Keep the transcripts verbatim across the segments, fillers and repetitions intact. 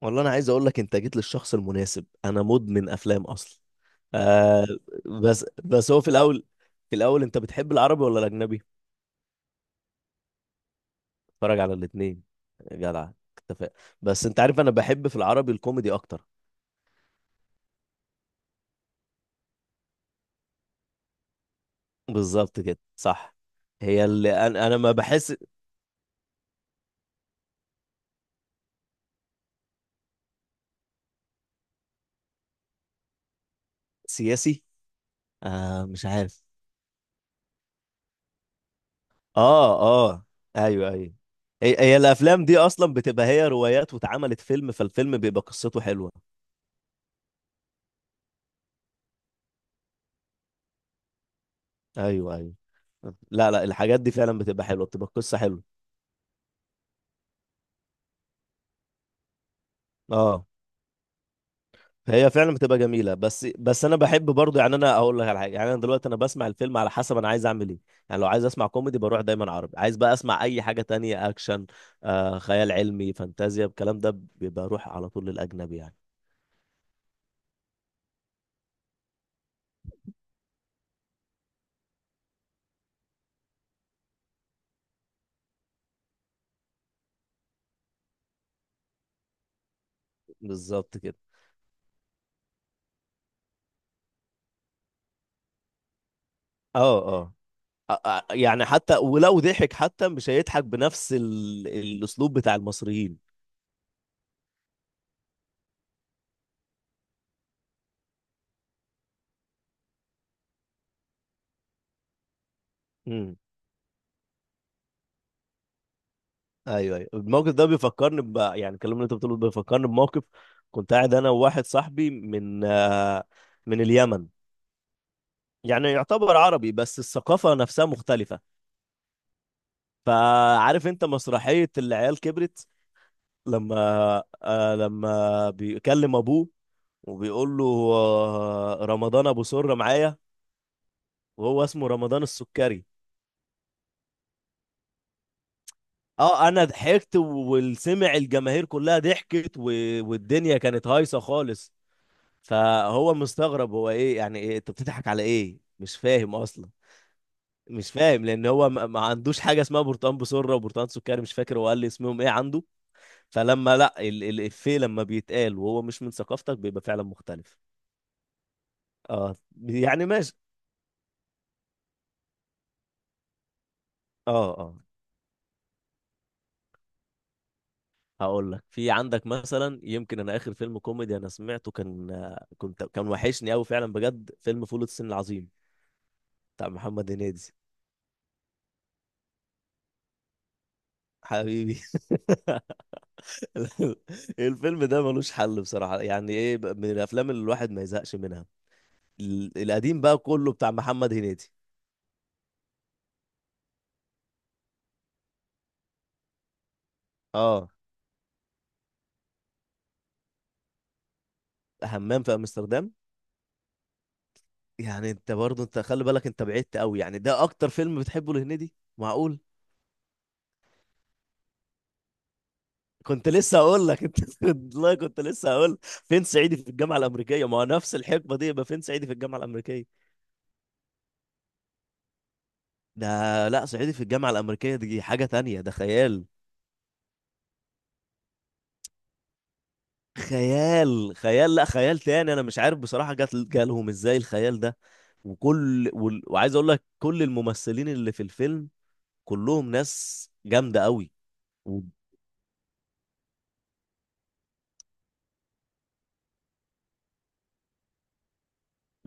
والله انا عايز اقول لك انت جيت للشخص المناسب. انا مدمن افلام اصلا. آه بس بس هو في الاول. في الاول انت بتحب العربي ولا الاجنبي؟ اتفرج على الاثنين. جدع، اتفق. بس انت عارف انا بحب في العربي الكوميدي اكتر. بالظبط كده صح. هي اللي انا انا ما بحس. سياسي؟ آه مش عارف. اه اه، ايوه ايوه. هي هي الافلام دي اصلا بتبقى هي روايات واتعملت فيلم، فالفيلم بيبقى قصته حلوه. ايوه ايوه. لا لا، الحاجات دي فعلا بتبقى حلوه، بتبقى قصه حلوه. اه. هي فعلا بتبقى جميله. بس بس انا بحب برضه، يعني انا اقول لك على حاجه. يعني انا دلوقتي انا بسمع الفيلم على حسب انا عايز اعمل ايه. يعني لو عايز اسمع كوميدي بروح دايما عربي. عايز بقى اسمع اي حاجه تانية، اكشن، آه خيال علمي، فانتازيا، الكلام ده بيبقى اروح على طول للاجنبي يعني. بالظبط كده. اه اه. آه، آه، يعني حتى ولو ضحك حتى مش هيضحك بنفس ال... الاسلوب بتاع المصريين. مم. ايوه ايوه، الموقف ده بيفكرني ب... يعني الكلام اللي انت بتقوله ده بيفكرني بموقف. كنت قاعد انا وواحد صاحبي من آه، من اليمن. يعني يعتبر عربي بس الثقافه نفسها مختلفه. فعارف انت مسرحيه العيال كبرت؟ لما آه، لما بيكلم ابوه وبيقول له آه، رمضان ابو سره معايا، وهو اسمه رمضان السكري. اه انا ضحكت والسمع الجماهير كلها ضحكت و... والدنيا كانت هايصه خالص. فهو مستغرب، هو ايه؟ يعني ايه انت بتضحك على ايه؟ مش فاهم اصلا. مش فاهم لان هو ما ما عندوش حاجه اسمها برتقان بسره وبرتقان سكري. مش فاكر هو قال لي اسمهم ايه عنده. فلما لا ال- ال- الافيه لما بيتقال وهو مش من ثقافتك بيبقى فعلا مختلف. اه. يعني ماشي. اه اه. هقول لك. في عندك مثلا، يمكن انا اخر فيلم كوميدي انا سمعته كان. كنت كان وحشني قوي فعلا بجد، فيلم فول الصين العظيم بتاع محمد هنيدي. حبيبي. الفيلم ده ملوش حل بصراحة. يعني ايه، ب- من الافلام اللي الواحد ما يزهقش منها. ال- القديم بقى كله بتاع محمد هنيدي. اه، همام في امستردام. يعني انت برضه انت خلي بالك، انت بعدت قوي. يعني ده اكتر فيلم بتحبه لهنيدي؟ معقول؟ كنت لسه هقول لك انت. والله كنت لسه هقول فين صعيدي في الجامعة الأمريكية؟ ما هو نفس الحقبة دي، يبقى فين صعيدي في الجامعة الأمريكية؟ ده لا، صعيدي في الجامعة الأمريكية دي حاجة تانية، ده خيال. خيال خيال لا، خيال تاني. انا مش عارف بصراحه جات جالهم ازاي الخيال ده. وكل وال- وعايز اقول لك كل الممثلين اللي في الفيلم كلهم ناس جامده قوي. و-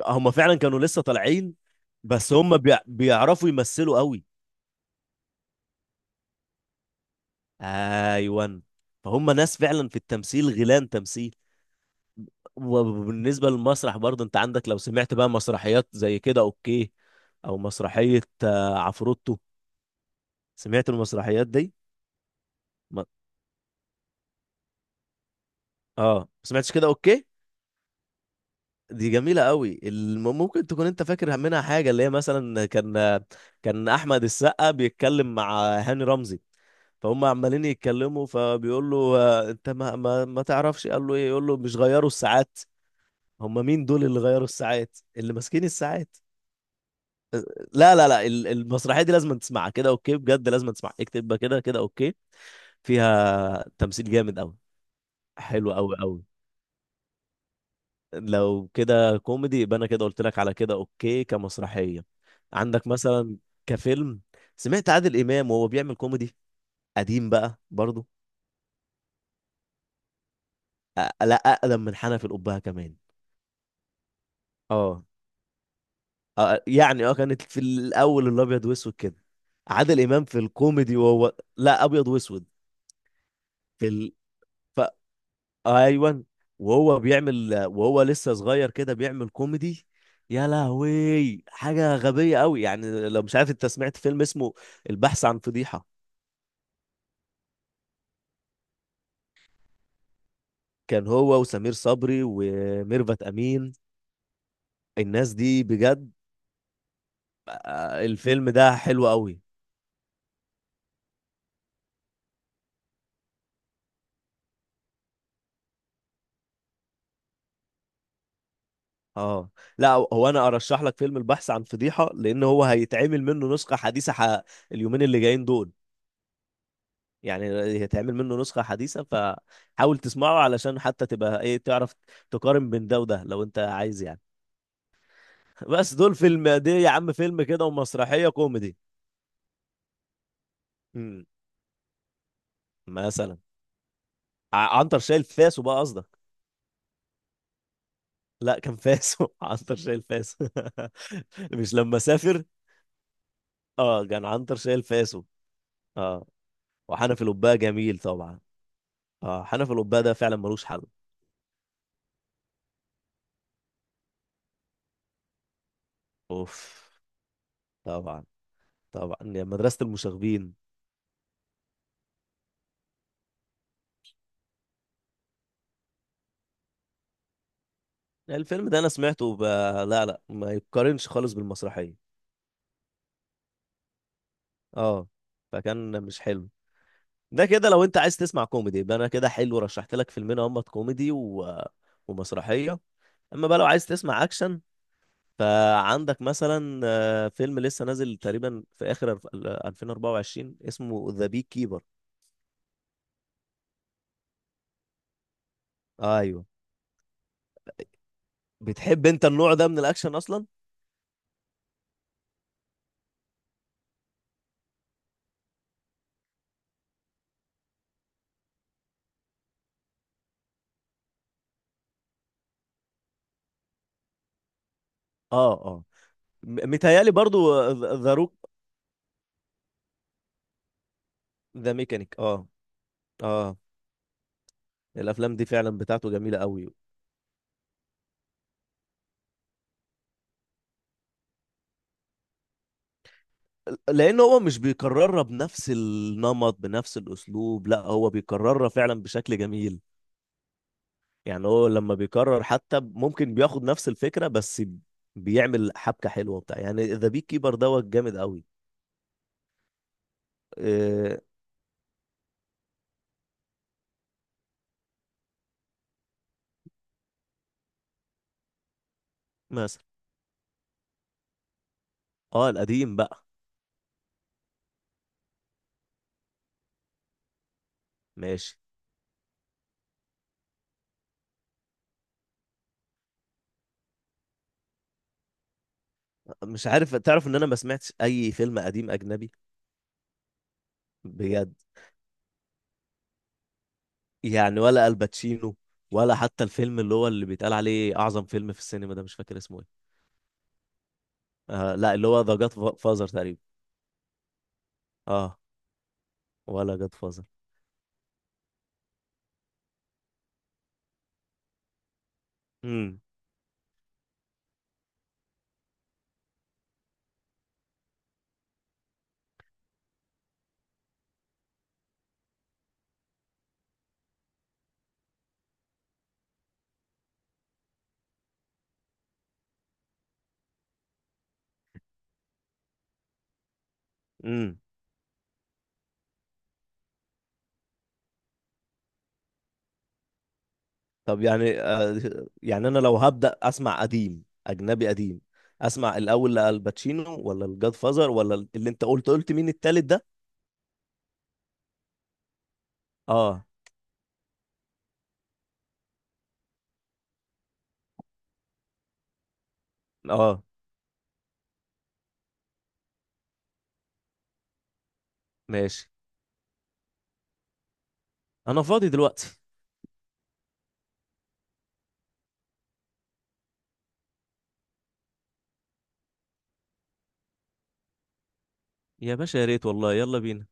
هم فعلا كانوا لسه طالعين. بس هم بيع- بيعرفوا يمثلوا قوي. ايوه. فهم ناس فعلا في التمثيل غيلان تمثيل. وبالنسبه للمسرح برضه انت عندك، لو سمعت بقى مسرحيات زي كده اوكي، او مسرحيه آه، عفروتو. سمعت المسرحيات دي؟ اه ما سمعتش كده اوكي. دي جميله قوي. الم- ممكن تكون انت فاكر منها حاجه، اللي هي مثلا كان. كان احمد السقا بيتكلم مع هاني رمزي، فهم عمالين يتكلموا، فبيقول له آه، انت ما ما ما تعرفش؟ قال له ايه؟ يقول له مش غيروا الساعات؟ هم مين دول اللي غيروا الساعات، اللي ماسكين الساعات؟ لا لا لا ال- المسرحيه دي لازم تسمعها، كده اوكي، بجد لازم تسمعها. اكتب بقى كده، كده اوكي. فيها تمثيل جامد قوي. حلو قوي قوي. لو كده كوميدي، يبقى انا كده قلت لك على كده اوكي كمسرحيه. عندك مثلا كفيلم. سمعت عادل امام وهو بيعمل كوميدي قديم بقى برضه؟ أ- لا، اقدم من حنف القبهه كمان. اه. آه، يعني اه كانت في الاول الابيض واسود كده. عادل امام في الكوميدي وهو لا، ابيض واسود. في ال... ف... ايوه. وهو بيعمل وهو لسه صغير كده بيعمل كوميدي. يا لهوي حاجه غبيه قوي. يعني لو مش عارف، انت سمعت فيلم اسمه البحث عن فضيحه؟ كان هو وسمير صبري وميرفت امين. الناس دي بجد. آه، الفيلم ده حلو قوي. اه. لا هو انا ارشح لك فيلم البحث عن فضيحه لان هو هيتعمل منه نسخه حديثه ح- اليومين اللي جايين دول. يعني هيتعمل منه نسخة حديثة، فحاول تسمعه علشان حتى تبقى ايه، تعرف تقارن بين ده وده لو انت عايز يعني. بس دول فيلم، دي يا عم فيلم كده ومسرحية كوميدي. امم. مثلا ع- عنتر شايل فاسو بقى قصدك. لا كان فاسو. عنتر شايل فاسو. مش لما سافر. اه كان عنتر شايل فاسو. اه. وحنف القباء جميل طبعا. اه حنف القباء ده فعلا ملوش حل. اوف. طبعا. طبعا، يا مدرسة المشاغبين. الفيلم ده انا سمعته ب... لا لا، ما يتقارنش خالص بالمسرحيه. اه. فكان مش حلو. ده كده لو انت عايز تسمع كوميدي، يبقى انا كده حلو رشحت لك فيلمين، هما كوميدي و... ومسرحيه. اما بقى لو عايز تسمع اكشن، فعندك مثلا آه، فيلم لسه نازل تقريبا في اخر الف- ال- ألفين واربعة وعشرين اسمه ذا بي كيبر. ايوه. بتحب انت النوع ده من الاكشن اصلا؟ اه اه. م- متهيألي برضو ذا روك، ذا ميكانيك. اه. اه الافلام دي فعلا بتاعته جميله قوي. لان هو مش بيكررها بنفس النمط بنفس الاسلوب، لا هو بيكررها فعلا بشكل جميل. يعني هو لما بيكرر حتى ممكن بياخد نفس الفكره، بس بيعمل حبكه حلوه بتاع يعني. ذا بيك كيبر دوت جامد قوي. إيه؟ مثلا. اه القديم بقى. ماشي. مش عارف، تعرف ان انا ما سمعتش اي فيلم قديم اجنبي؟ بجد. يعني ولا الباتشينو، ولا حتى الفيلم اللي هو اللي بيتقال عليه اعظم فيلم في السينما، ده مش فاكر اسمه ايه. آه لا، اللي هو ذا جاد فازر تقريبا. اه. ولا جاد فازر. امم. امم. طب يعني آه، يعني انا لو هبدأ اسمع قديم اجنبي قديم، اسمع الاول لالباتشينو ولا الجاد فازر، ولا اللي انت قلت قلت مين التالت ده. اه. اه ماشي. انا فاضي دلوقتي. يا باشا يا ريت والله، يلا بينا.